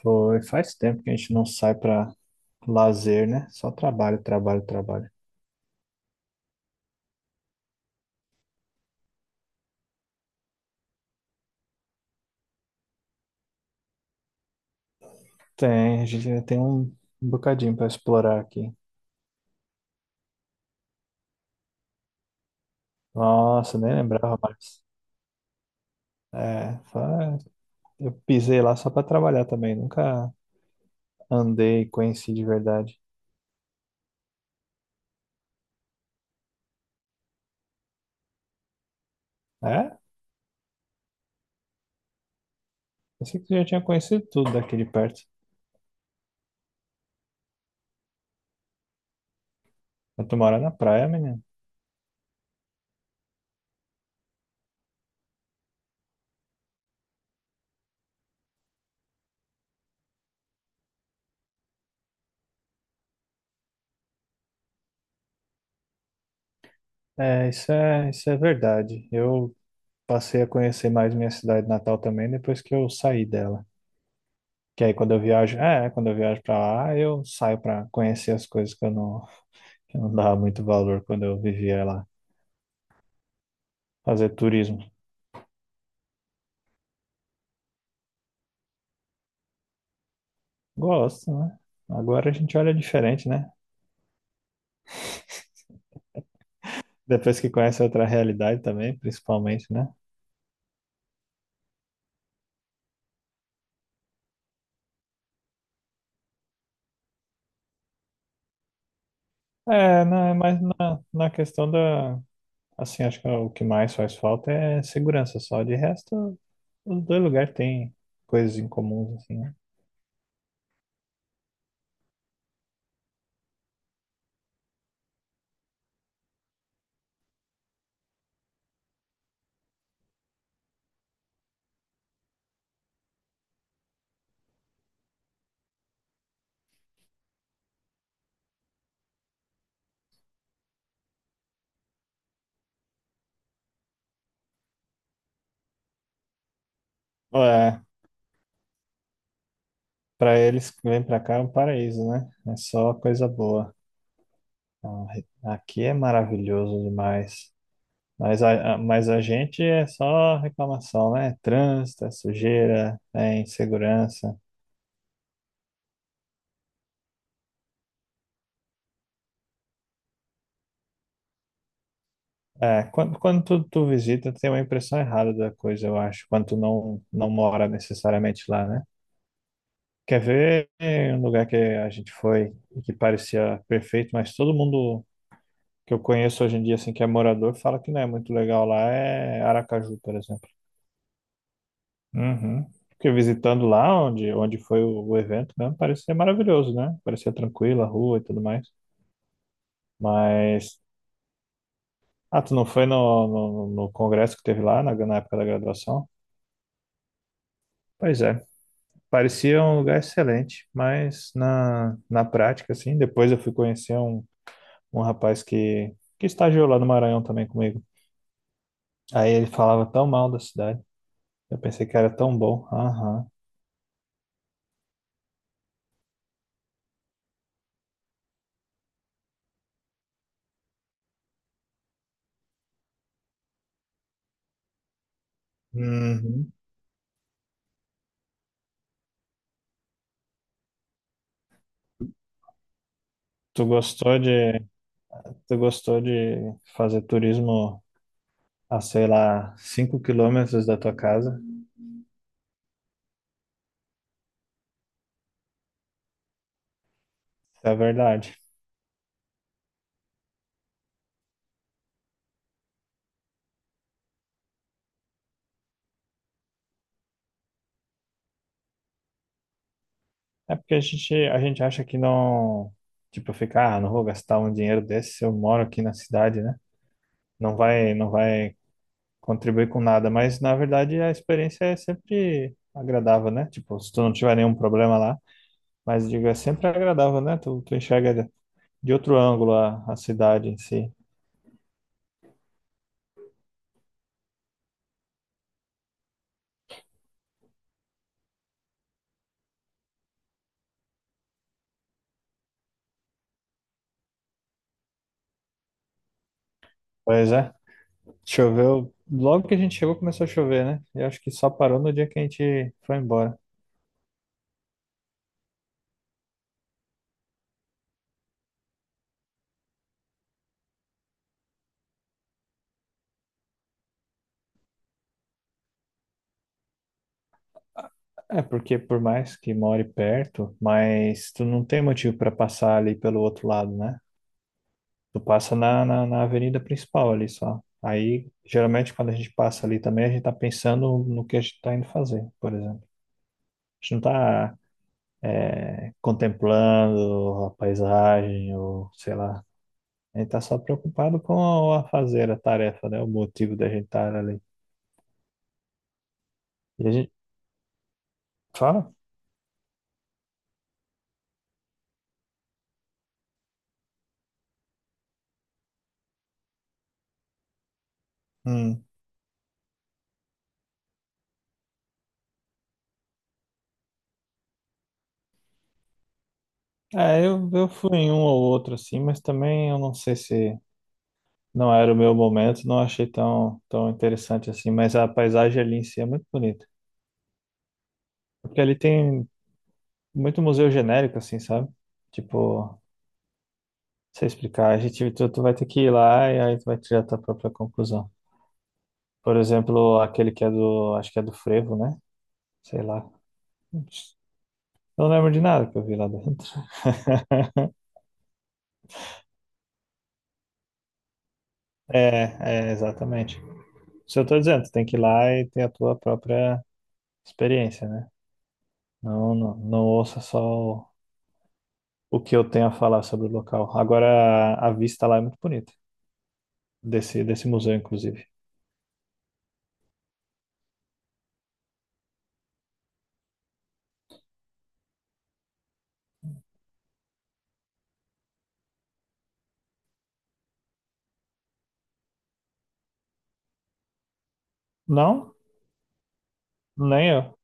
Foi, faz tempo que a gente não sai pra lazer, né? Só trabalho, trabalho, trabalho. Tem, a gente ainda tem um bocadinho pra explorar aqui. Nossa, nem lembrava mais. É, fa- eu pisei lá só pra trabalhar também, nunca andei e conheci de verdade. É? Pensei que você já tinha conhecido tudo daqui de perto. Eu tô morando na praia, menino. Isso é verdade. Eu passei a conhecer mais minha cidade natal também depois que eu saí dela. Que aí quando eu viajo pra lá, eu saio pra conhecer as coisas que eu não dava muito valor quando eu vivia lá. Fazer turismo. Gosto, né? Agora a gente olha diferente, né? Depois que conhece outra realidade também, principalmente, né? É, não, é mais na questão da. Assim, acho que o que mais faz falta é segurança só. De resto, os dois lugares têm coisas em comum, assim, né? É, para eles que vêm pra cá é um paraíso, né? É só coisa boa. Ah, aqui é maravilhoso demais. Mas a gente é só reclamação, né? Trânsito, é sujeira, é insegurança. É, quando tu visita, tem uma impressão errada da coisa, eu acho, quando tu não mora necessariamente lá, né? Quer ver um lugar que a gente foi e que parecia perfeito, mas todo mundo que eu conheço hoje em dia, assim, que é morador, fala que não é muito legal lá, é Aracaju, por exemplo. Uhum. Porque visitando lá onde foi o evento mesmo, parecia maravilhoso, né? Parecia tranquila a rua e tudo mais. Mas. Ah, tu não foi no congresso que teve lá na época da graduação? Pois é. Parecia um lugar excelente, mas na prática, assim, depois eu fui conhecer um, um rapaz que estagiou lá no Maranhão também comigo. Aí ele falava tão mal da cidade. Eu pensei que era tão bom. Aham. Uhum. Tu gostou de, tu gostou de fazer turismo? A, sei lá, 5 km da tua casa, isso é verdade. É porque a gente acha que não, tipo, ficar, ah, não vou gastar um dinheiro desse se eu moro aqui na cidade, né? Não vai contribuir com nada, mas na verdade a experiência é sempre agradável, né? Tipo, se tu não tiver nenhum problema lá, mas digo, é sempre agradável, né? Tu enxerga de outro ângulo a cidade em si. Pois é, choveu, logo que a gente chegou começou a chover, né? Eu acho que só parou no dia que a gente foi embora. É porque por mais que more perto, mas tu não tem motivo para passar ali pelo outro lado, né? Tu passa na avenida principal ali só. Aí, geralmente, quando a gente passa ali também, a gente tá pensando no que a gente tá indo fazer, por exemplo. A gente não tá contemplando a paisagem ou sei lá. A gente tá só preocupado com a fazer a tarefa, né? O motivo da gente estar ali. E a gente fala? Hum. É, eu fui em um ou outro assim, mas também eu não sei se não era o meu momento, não achei tão interessante assim, mas a paisagem ali em si é muito bonita. Porque ali tem muito museu genérico, assim, sabe? Tipo, sei explicar, tu vai ter que ir lá e aí tu vai tirar tua própria conclusão. Por exemplo, aquele que é do, acho que é do Frevo, né? Sei lá. Não lembro de nada que eu vi lá dentro. Exatamente. Isso eu tô dizendo, tu tem que ir lá e ter a tua própria experiência, né? Não ouça só o que eu tenho a falar sobre o local. Agora, a vista lá é muito bonita, desse museu, inclusive. Não? Nem eu.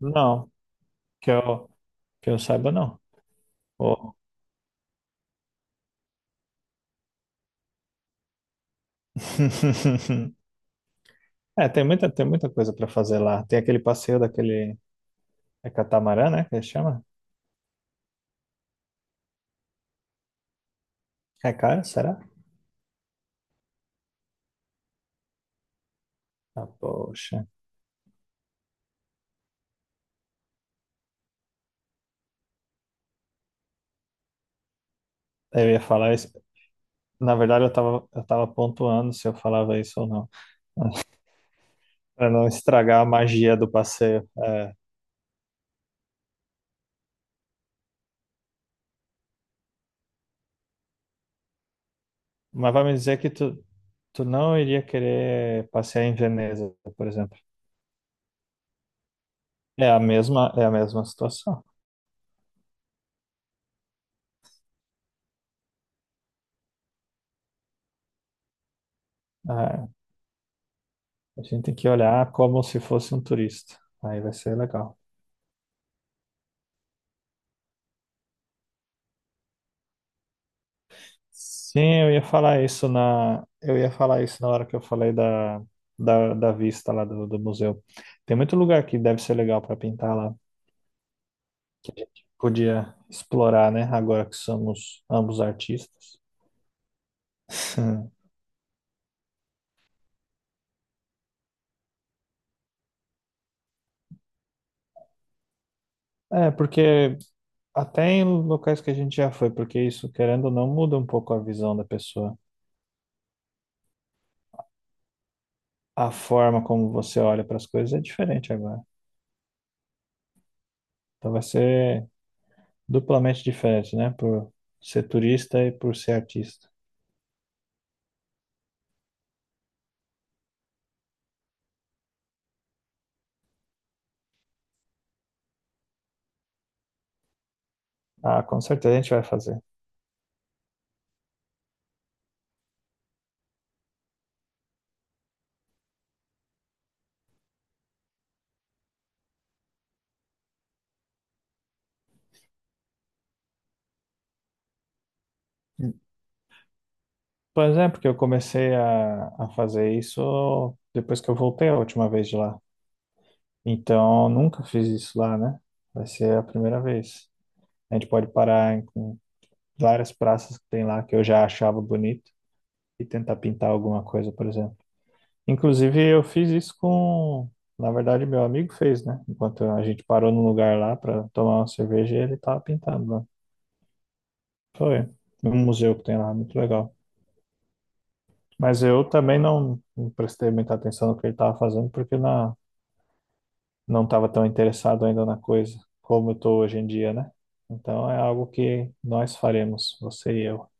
Não, que eu, que eu saiba, não. Oh. É, tem muita coisa para fazer lá. Tem aquele passeio daquele. É catamarã, né? Que ele chama? É caro, será? Ah, poxa. Eu ia falar isso. Na verdade, eu tava pontuando se eu falava isso ou não, para não estragar a magia do passeio. É, mas vai me dizer que tu, tu não iria querer passear em Veneza, por exemplo. É a mesma situação. Ah, a gente tem que olhar como se fosse um turista. Aí vai ser legal. Sim, eu ia falar isso na, eu ia falar isso na hora que eu falei da vista lá do museu. Tem muito lugar que deve ser legal para pintar lá, que a gente podia explorar, né? Agora que somos ambos artistas. É, porque até em locais que a gente já foi, porque isso, querendo ou não, muda um pouco a visão da pessoa. A forma como você olha para as coisas é diferente agora. Então vai ser duplamente diferente, né? Por ser turista e por ser artista. Ah, com certeza a gente vai fazer. Pois é, porque eu comecei a fazer isso depois que eu voltei a última vez de lá. Então, nunca fiz isso lá, né? Vai ser a primeira vez. A gente pode parar em várias praças que tem lá que eu já achava bonito, e tentar pintar alguma coisa, por exemplo. Inclusive, eu fiz isso com, na verdade, meu amigo fez, né? Enquanto a gente parou num lugar lá para tomar uma cerveja, ele tava pintando lá. Foi um museu que tem lá, muito legal. Mas eu também não, não prestei muita atenção no que ele estava fazendo, porque na, não estava tão interessado ainda na coisa como eu estou hoje em dia, né? Então é algo que nós faremos, você e eu.